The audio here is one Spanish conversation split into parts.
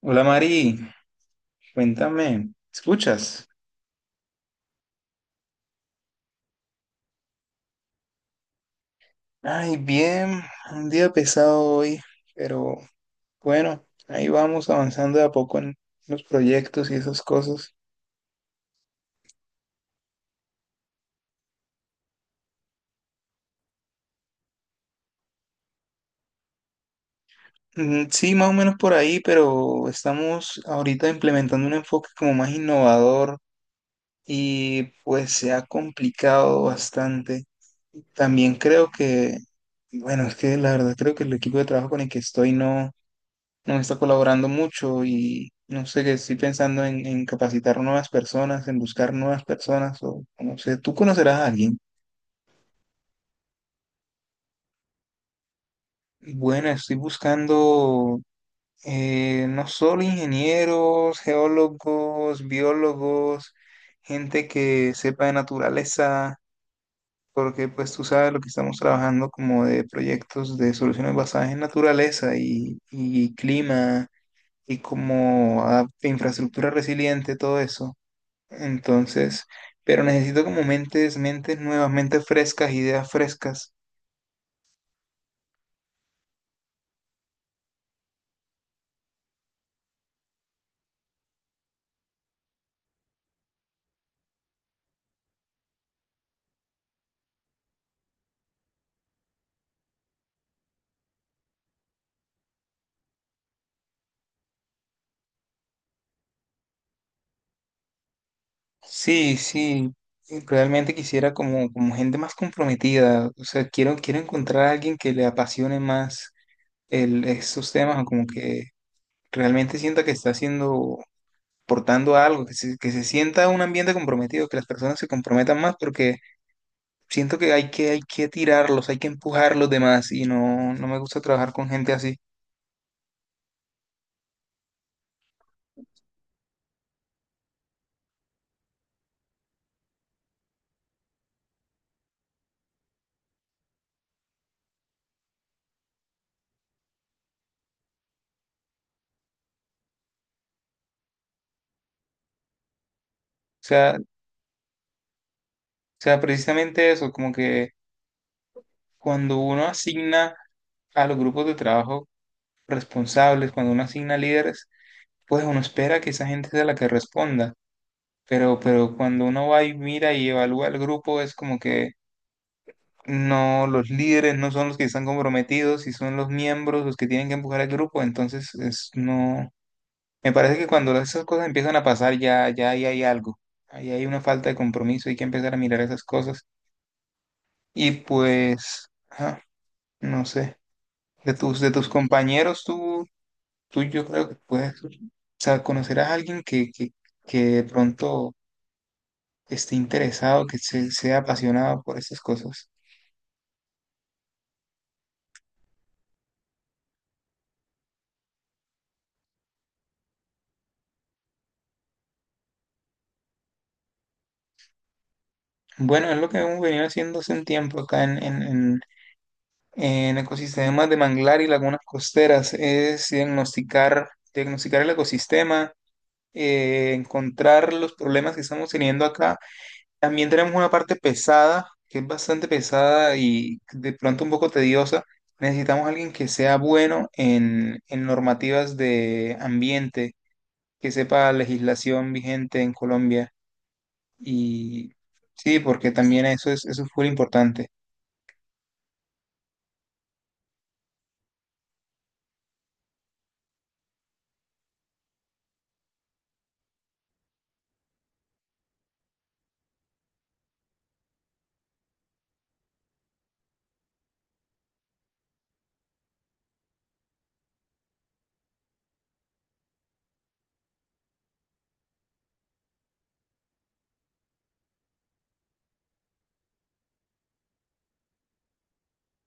Hola Mari, cuéntame, ¿escuchas? Ay, bien, un día pesado hoy, pero bueno, ahí vamos avanzando de a poco en los proyectos y esas cosas. Mm, sí, más o menos por ahí, pero estamos ahorita implementando un enfoque como más innovador y pues se ha complicado bastante. También creo que, bueno, es que la verdad creo que el equipo de trabajo con el que estoy no, nos está colaborando mucho y no sé, que estoy pensando en capacitar nuevas personas, en buscar nuevas personas o no sé, tú conocerás a alguien. Bueno, estoy buscando no solo ingenieros, geólogos, biólogos, gente que sepa de naturaleza, porque pues tú sabes lo que estamos trabajando como de proyectos de soluciones basadas en naturaleza y clima y como infraestructura resiliente, todo eso. Entonces, pero necesito como mentes, mentes nuevas, mentes frescas, ideas frescas. Sí, sí, realmente quisiera como, como gente más comprometida, o sea, quiero encontrar a alguien que le apasione más el, estos temas, o como que realmente sienta que está haciendo, portando algo, que se sienta un ambiente comprometido, que las personas se comprometan más, porque siento que hay que tirarlos, hay que empujar los demás, y no, no me gusta trabajar con gente así. O sea, precisamente eso, como que cuando uno asigna a los grupos de trabajo responsables, cuando uno asigna líderes, pues uno espera que esa gente sea la que responda. Pero cuando uno va y mira y evalúa el grupo, es como que no, los líderes no son los que están comprometidos y son los miembros los que tienen que empujar al grupo. Entonces, es, no, me parece que cuando esas cosas empiezan a pasar, ya, ya ahí hay algo. Ahí hay una falta de compromiso, hay que empezar a mirar esas cosas. Y pues, ajá, no sé, de tus compañeros, ¿tú yo creo que puedes, o sea, conocerás a alguien que de pronto esté interesado, sea apasionado por estas cosas. Bueno, es lo que hemos venido haciendo hace un tiempo acá en ecosistemas de manglar y lagunas costeras, es diagnosticar el ecosistema, encontrar los problemas que estamos teniendo acá. También tenemos una parte pesada, que es bastante pesada y de pronto un poco tediosa. Necesitamos a alguien que sea bueno en normativas de ambiente, que sepa legislación vigente en Colombia. Y sí, porque también eso es muy importante.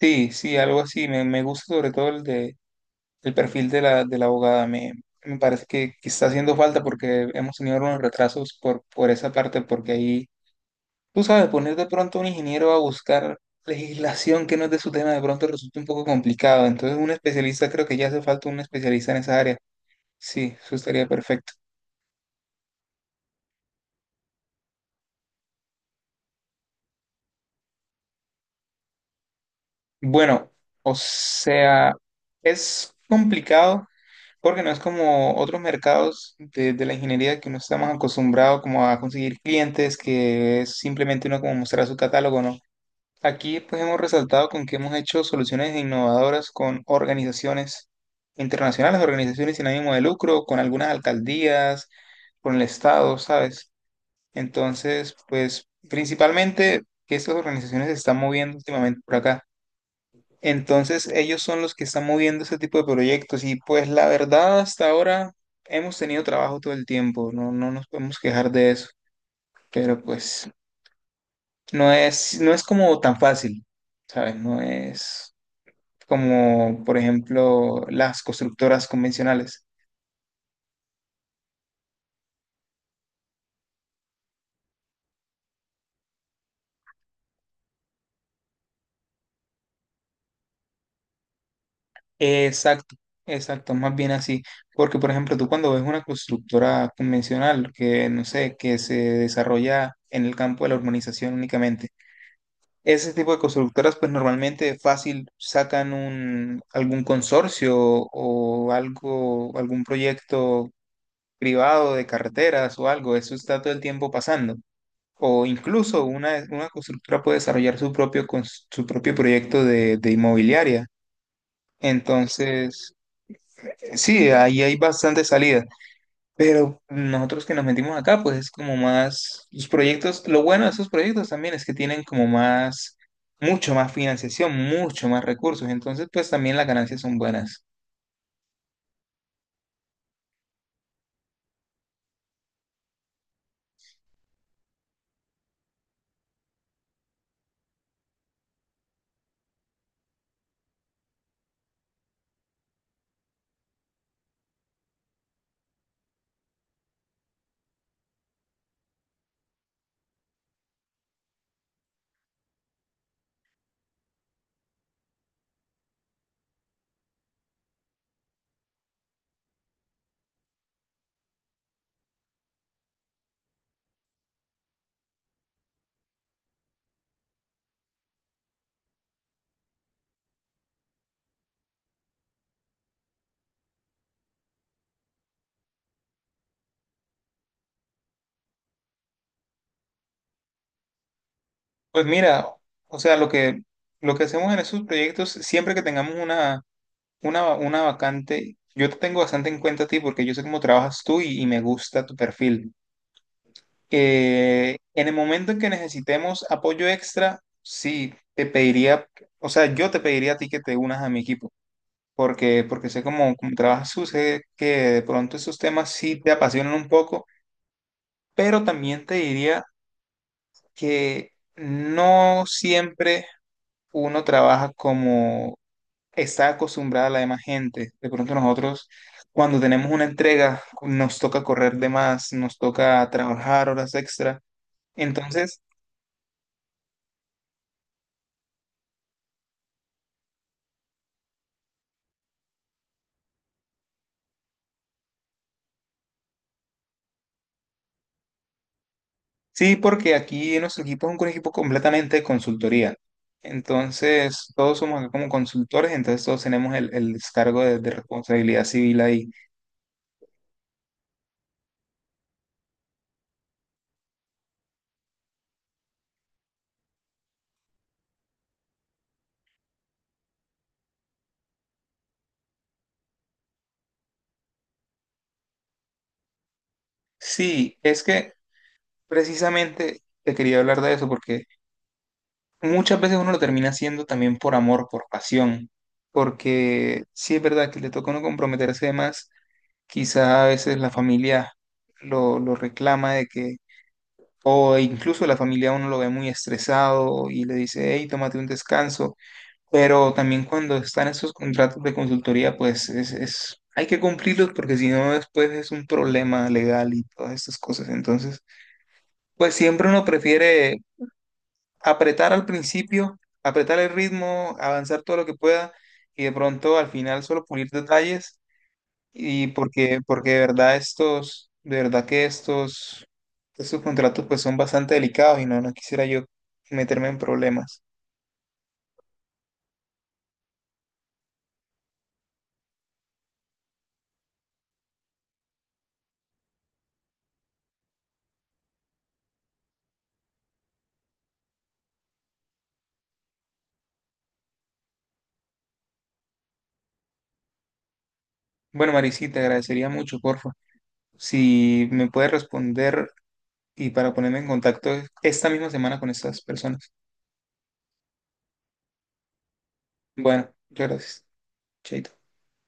Sí, sí, algo así. Me gusta sobre todo el de el perfil de la abogada. Me parece que está haciendo falta porque hemos tenido unos retrasos por esa parte, porque ahí tú sabes, poner de pronto a un ingeniero a buscar legislación que no es de su tema de pronto resulta un poco complicado. Entonces, un especialista, creo que ya hace falta un especialista en esa área. Sí, eso estaría perfecto. Bueno, o sea, es complicado porque no es como otros mercados de la ingeniería que uno está más acostumbrado como a conseguir clientes, que es simplemente uno como mostrar su catálogo, ¿no? Aquí pues hemos resaltado con que hemos hecho soluciones innovadoras con organizaciones internacionales, organizaciones sin ánimo de lucro, con algunas alcaldías, con el Estado, ¿sabes? Entonces, pues principalmente que estas organizaciones se están moviendo últimamente por acá. Entonces, ellos son los que están moviendo este tipo de proyectos y pues la verdad hasta ahora hemos tenido trabajo todo el tiempo, no, no nos podemos quejar de eso, pero pues no es como tan fácil, ¿sabes? No es como por ejemplo las constructoras convencionales. Exacto, exacto, más bien así, porque por ejemplo tú cuando ves una constructora convencional que no sé, que se desarrolla en el campo de la urbanización únicamente, ese tipo de constructoras pues normalmente fácil sacan un, algún consorcio o algo, algún proyecto privado de carreteras o algo, eso está todo el tiempo pasando. O incluso una constructora puede desarrollar su propio, su propio proyecto de inmobiliaria. Entonces, sí, ahí hay bastante salida. Pero nosotros que nos metimos acá, pues es como más, los proyectos, lo bueno de esos proyectos también es que tienen como más, mucho más financiación, mucho más recursos. Entonces, pues también las ganancias son buenas. Pues mira, o sea, lo que hacemos en esos proyectos, siempre que tengamos una vacante, yo te tengo bastante en cuenta a ti porque yo sé cómo trabajas tú y me gusta tu perfil. En el momento en que necesitemos apoyo extra, sí, te pediría, o sea, yo te pediría a ti que te unas a mi equipo, porque sé cómo trabajas tú, sé que de pronto esos temas sí te apasionan un poco, pero también te diría que no siempre uno trabaja como está acostumbrada la demás gente. De pronto nosotros, cuando tenemos una entrega, nos toca correr de más, nos toca trabajar horas extra. Entonces, sí, porque aquí en nuestro equipo es un equipo completamente de consultoría. Entonces, todos somos acá como consultores, entonces todos tenemos el descargo de responsabilidad civil ahí. Sí, es que precisamente te quería hablar de eso porque muchas veces uno lo termina haciendo también por amor, por pasión, porque sí es verdad que le toca a uno comprometerse de más, quizá a veces la familia lo reclama de que, o incluso la familia a uno lo ve muy estresado y le dice, hey, tómate un descanso, pero también cuando están esos contratos de consultoría, pues es, hay que cumplirlos porque si no después es un problema legal y todas estas cosas, entonces... Pues siempre uno prefiere apretar al principio, apretar el ritmo, avanzar todo lo que pueda y de pronto al final solo pulir detalles y porque de verdad estos, de verdad que estos, estos contratos pues son bastante delicados y no, no quisiera yo meterme en problemas. Bueno, Maricita, te agradecería mucho, porfa, si me puedes responder y para ponerme en contacto esta misma semana con estas personas. Bueno, muchas gracias. Chaito.